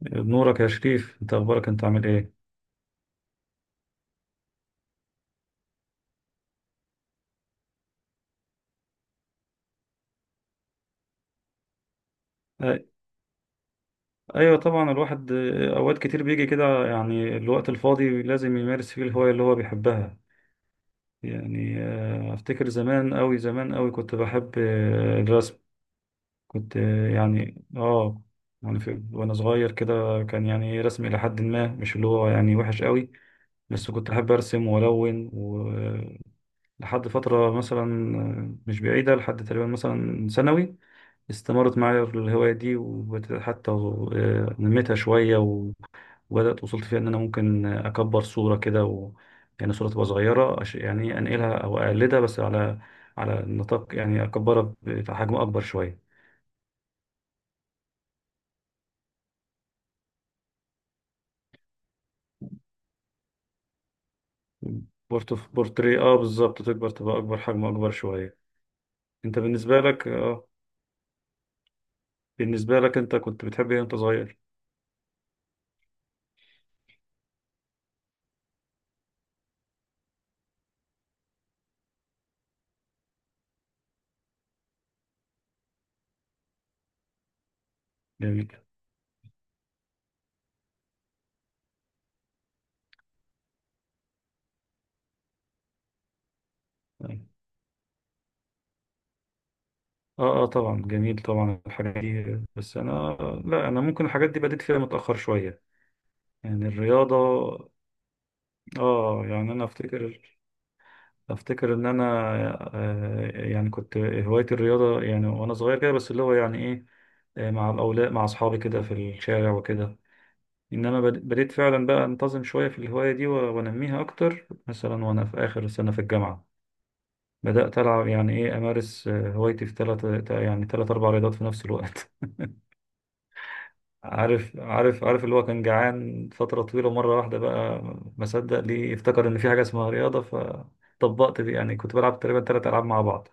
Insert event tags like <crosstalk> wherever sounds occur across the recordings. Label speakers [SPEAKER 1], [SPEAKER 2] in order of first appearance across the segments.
[SPEAKER 1] بنورك يا شريف، انت اخبارك، انت عامل ايه؟ أي- ايوه طبعا الواحد اوقات كتير بيجي كده، يعني الوقت الفاضي لازم يمارس فيه الهواية اللي هو بيحبها. يعني افتكر زمان قوي زمان قوي كنت بحب الرسم. كنت يعني يعني في وانا صغير كده، كان يعني رسم الى حد ما، مش اللي هو يعني وحش قوي. بس كنت احب ارسم والون، ولحد فترة مثلا مش بعيدة، لحد تقريبا مثلا ثانوي. استمرت معايا في الهواية دي، وحتى نميتها شوية وبدأت، وصلت فيها إن أنا ممكن أكبر صورة كده يعني صورة تبقى صغيرة، يعني أنقلها أو أقلدها، بس على نطاق، يعني أكبرها بحجم أكبر شوية. في بورتري، بالظبط، تكبر تبقى أكبر، حجم أكبر شوية. أنت بالنسبة لك، بالنسبة لك أنت كنت بتحب إيه وأنت صغير؟ جميل. اه، اه طبعا جميل، طبعا الحاجات دي، بس انا، لا انا ممكن الحاجات دي بديت فيها متأخر شوية، يعني الرياضة. اه يعني انا افتكر، ان انا يعني كنت هوايتي الرياضة يعني وانا صغير كده، بس اللي هو يعني ايه، مع الاولاد، مع اصحابي كده في الشارع وكده. انما بديت فعلا بقى انتظم شوية في الهواية دي، وانميها اكتر، مثلا وانا في اخر سنة في الجامعة. بدأت ألعب، يعني إيه، أمارس هوايتي في ثلاث أربع رياضات في نفس الوقت. عارف، اللي هو كان جعان فترة طويلة مرة واحدة بقى، ما صدق ليه، افتكر إن في حاجة اسمها رياضة، فطبقت دي، يعني كنت بلعب تقريبا تلات ألعاب مع بعض.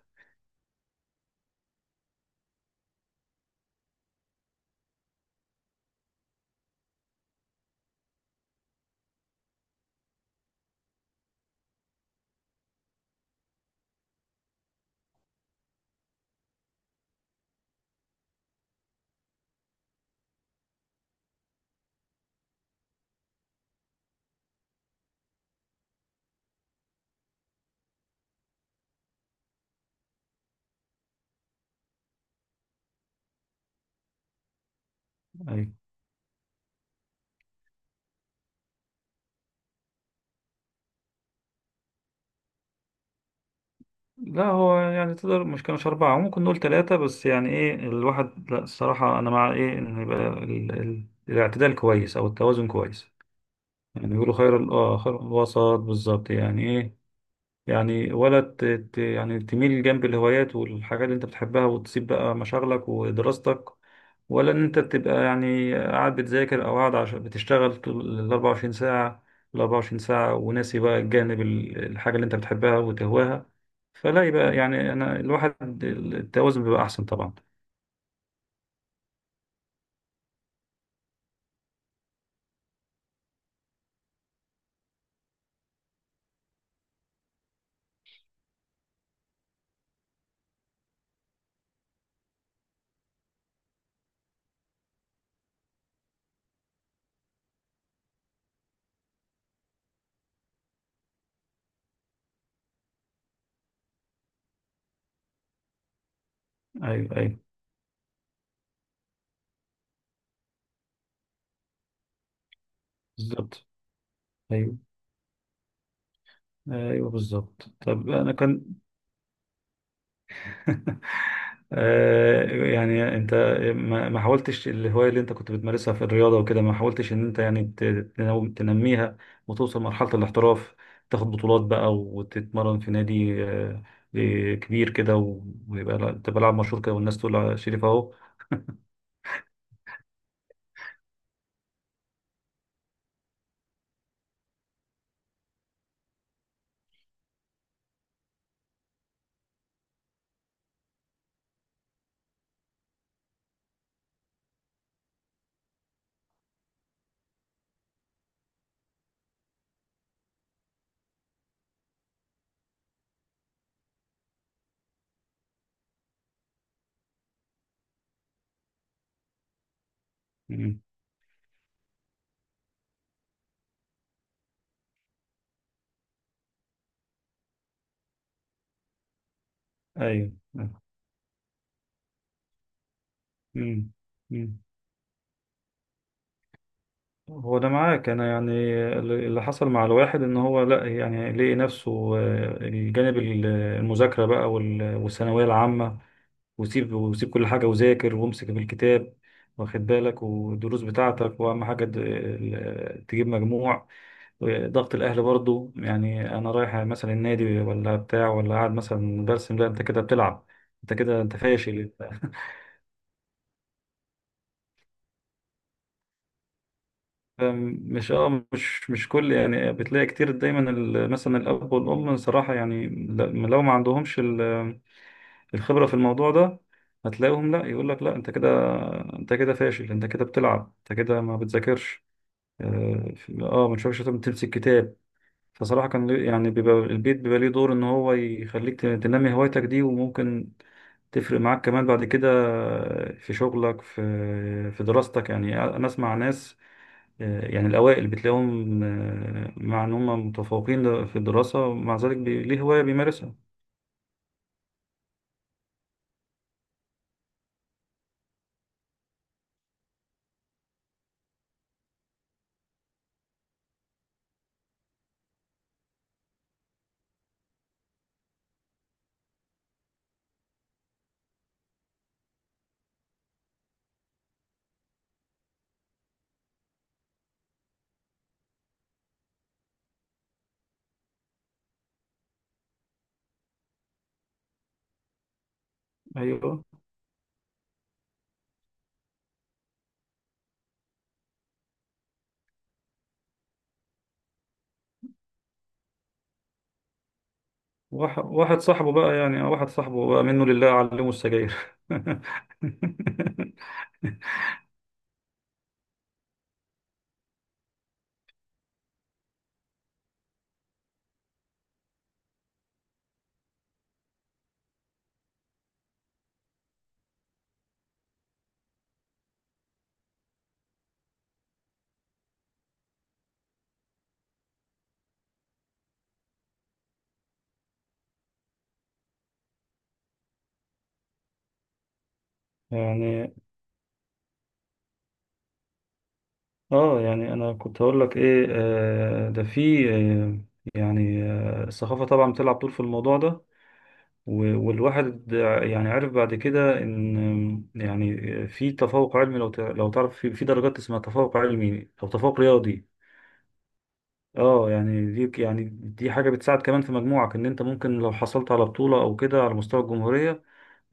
[SPEAKER 1] أي، لا هو يعني تقدر، مش كانش أربعة، ممكن نقول تلاتة، بس يعني إيه الواحد، لا الصراحة أنا مع إيه إن يبقى الاعتدال كويس أو التوازن كويس. يعني بيقولوا خير ال... آه خير الوسط، بالظبط يعني إيه. يعني ولا يعني تميل جنب الهوايات والحاجات اللي أنت بتحبها، وتسيب بقى مشاغلك ودراستك، ولا ان انت بتبقى يعني قاعد بتذاكر، او قاعد عشان بتشتغل طول ال 24 ساعة، ال 24 ساعة، وناسي بقى الحاجة اللي انت بتحبها وتهواها. فلا، يبقى يعني انا الواحد التوازن بيبقى احسن طبعا. ايوه، ايوه بالظبط. ايوه، ايوه بالظبط. طب انا كان <laughs> يعني انت، ما حاولتش الهواية اللي انت كنت بتمارسها في الرياضة وكده، ما حاولتش ان انت يعني تنميها، وتوصل مرحلة الاحتراف، تاخد بطولات بقى، وتتمرن في نادي كبير كده، ويبقى تبقى لاعب مشهور كده، والناس تقول على شريف اهو. مم. ايوه. مم. مم. هو ده معاك، انا يعني اللي حصل مع الواحد ان هو، لا يعني لقي نفسه الجانب المذاكرة بقى والثانوية العامة، وسيب كل حاجة، وذاكر، وامسك في الكتاب، واخد بالك، والدروس بتاعتك، وأهم حاجة تجيب مجموع. ضغط الأهل برضو، يعني أنا رايح مثلا النادي ولا بتاع، ولا قاعد مثلا برسم، لا أنت كده بتلعب، أنت كده أنت فاشل. مش اه مش مش كل، يعني بتلاقي كتير دايما مثلا الأب والأم، صراحة يعني لو ما عندهمش الخبرة في الموضوع ده، هتلاقيهم، لا يقول لك لا انت كده، انت كده فاشل، انت كده بتلعب، انت كده ما بتذاكرش. اه، ما تشربش شاي، تمسك كتاب. فصراحة، يعني بيبقى البيت، بيبقى ليه دور ان هو يخليك تنمي هوايتك دي، وممكن تفرق معاك كمان بعد كده في شغلك، في دراستك. يعني انا اسمع ناس يعني الاوائل بتلاقيهم، مع ان هم متفوقين في الدراسة، مع ذلك ليه هواية بيمارسها. ايوه. واحد صاحبه بقى، يعني واحد صاحبه بقى منه لله، علمه السجاير <laughs> يعني اه يعني انا كنت هقول لك ايه، ده في يعني الثقافه طبعا بتلعب دور في الموضوع ده، والواحد يعني عرف بعد كده ان، يعني في تفوق علمي، لو تعرف في درجات اسمها تفوق علمي او تفوق رياضي. اه يعني دي حاجه بتساعد كمان في مجموعك، ان انت ممكن لو حصلت على بطوله او كده على مستوى الجمهوريه،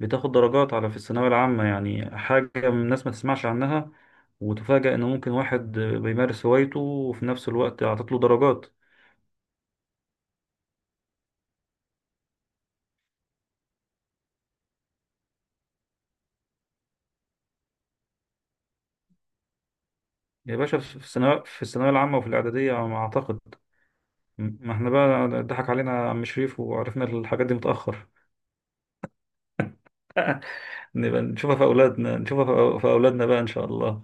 [SPEAKER 1] بتاخد درجات في الثانوية العامة. يعني حاجة من الناس ما تسمعش عنها، وتفاجأ إن ممكن واحد بيمارس هوايته وفي نفس الوقت عطت له درجات. يا باشا، في الثانوية العامة، وفي الإعدادية على ما أعتقد. ما احنا بقى ضحك علينا عم شريف، وعرفنا الحاجات دي متأخر <laughs> نبقى نشوفها في أولادنا، نشوفها في أولادنا بقى، إن شاء الله.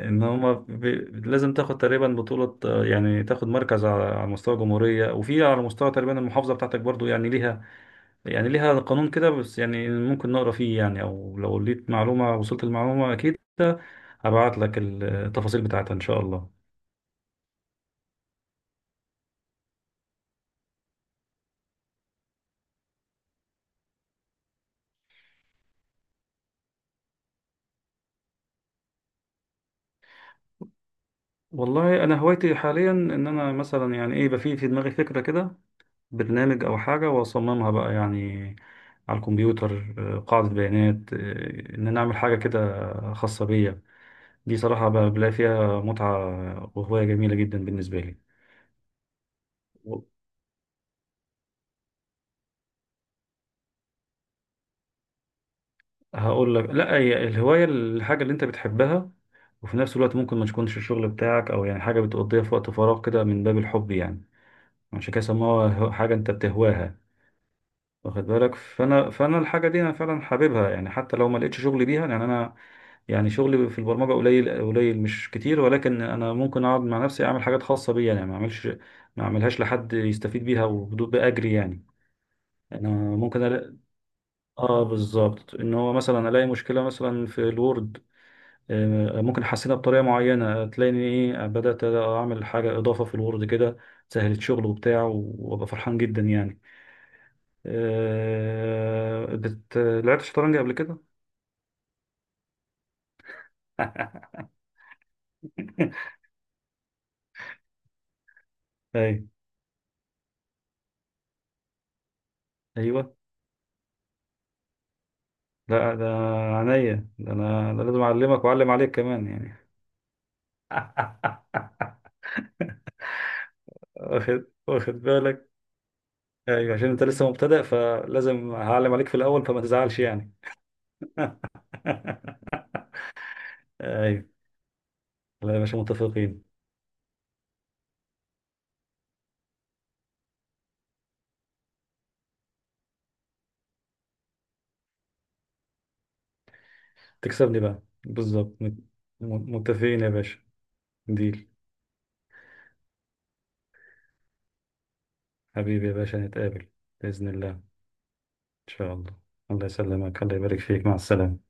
[SPEAKER 1] إن هما لازم تاخد تقريبا بطولة، يعني تاخد مركز على مستوى الجمهورية، وفي على مستوى تقريبا المحافظة بتاعتك برضو، يعني ليها، يعني ليها قانون كده، بس يعني ممكن نقرا فيه، يعني او لو لقيت معلومة، وصلت المعلومة، اكيد هبعت لك التفاصيل بتاعتها ان شاء الله. والله انا هوايتي حاليا، ان انا مثلا يعني ايه، يبقى في دماغي فكرة كده، برنامج او حاجة، واصممها بقى يعني، على الكمبيوتر، قاعدة بيانات، ان انا اعمل حاجة كده خاصة بيا. دي صراحة بلاقي فيها متعة، وهواية جميلة جدا بالنسبة لي. هقول لك، لا، هي الهواية الحاجة اللي انت بتحبها، وفي نفس الوقت ممكن ما تكونش الشغل بتاعك، او يعني حاجة بتقضيها في وقت فراغ كده من باب الحب يعني. عشان كده سموها حاجة انت بتهواها، واخد بالك؟ فانا الحاجة دي انا فعلا حاببها، يعني حتى لو ما لقيتش شغل بيها، يعني انا، يعني شغلي في البرمجة قليل قليل، مش كتير، ولكن انا ممكن اقعد مع نفسي، اعمل حاجات خاصة بيا يعني، ما اعملهاش لحد يستفيد بيها وبدون بأجري يعني. انا ممكن ألاقي، اه بالظبط، ان هو مثلا الاقي مشكله مثلا في الوورد، ممكن احسنها بطريقه معينه، تلاقيني ايه، بدات اعمل حاجه اضافه في الوورد كده، سهلت شغل وبتاع، وابقى فرحان جدا يعني. لعبت شطرنج قبل كده؟ <laughs> اي. ايوه. لا، ده عينيا، ده انا، ده لازم اعلمك واعلم عليك كمان يعني. <laughs> واخد بالك، ايوه عشان انت لسه مبتدئ، فلازم هعلم عليك في الاول، فما تزعلش يعني. <laughs> ايوه. لا يا باشا، متفقين. تكسبني بقى بالظبط، متفقين يا باشا. ديل حبيبي يا باشا، نتقابل. بإذن الله، إن شاء الله. الله يسلمك، الله يبارك فيك، مع السلامة.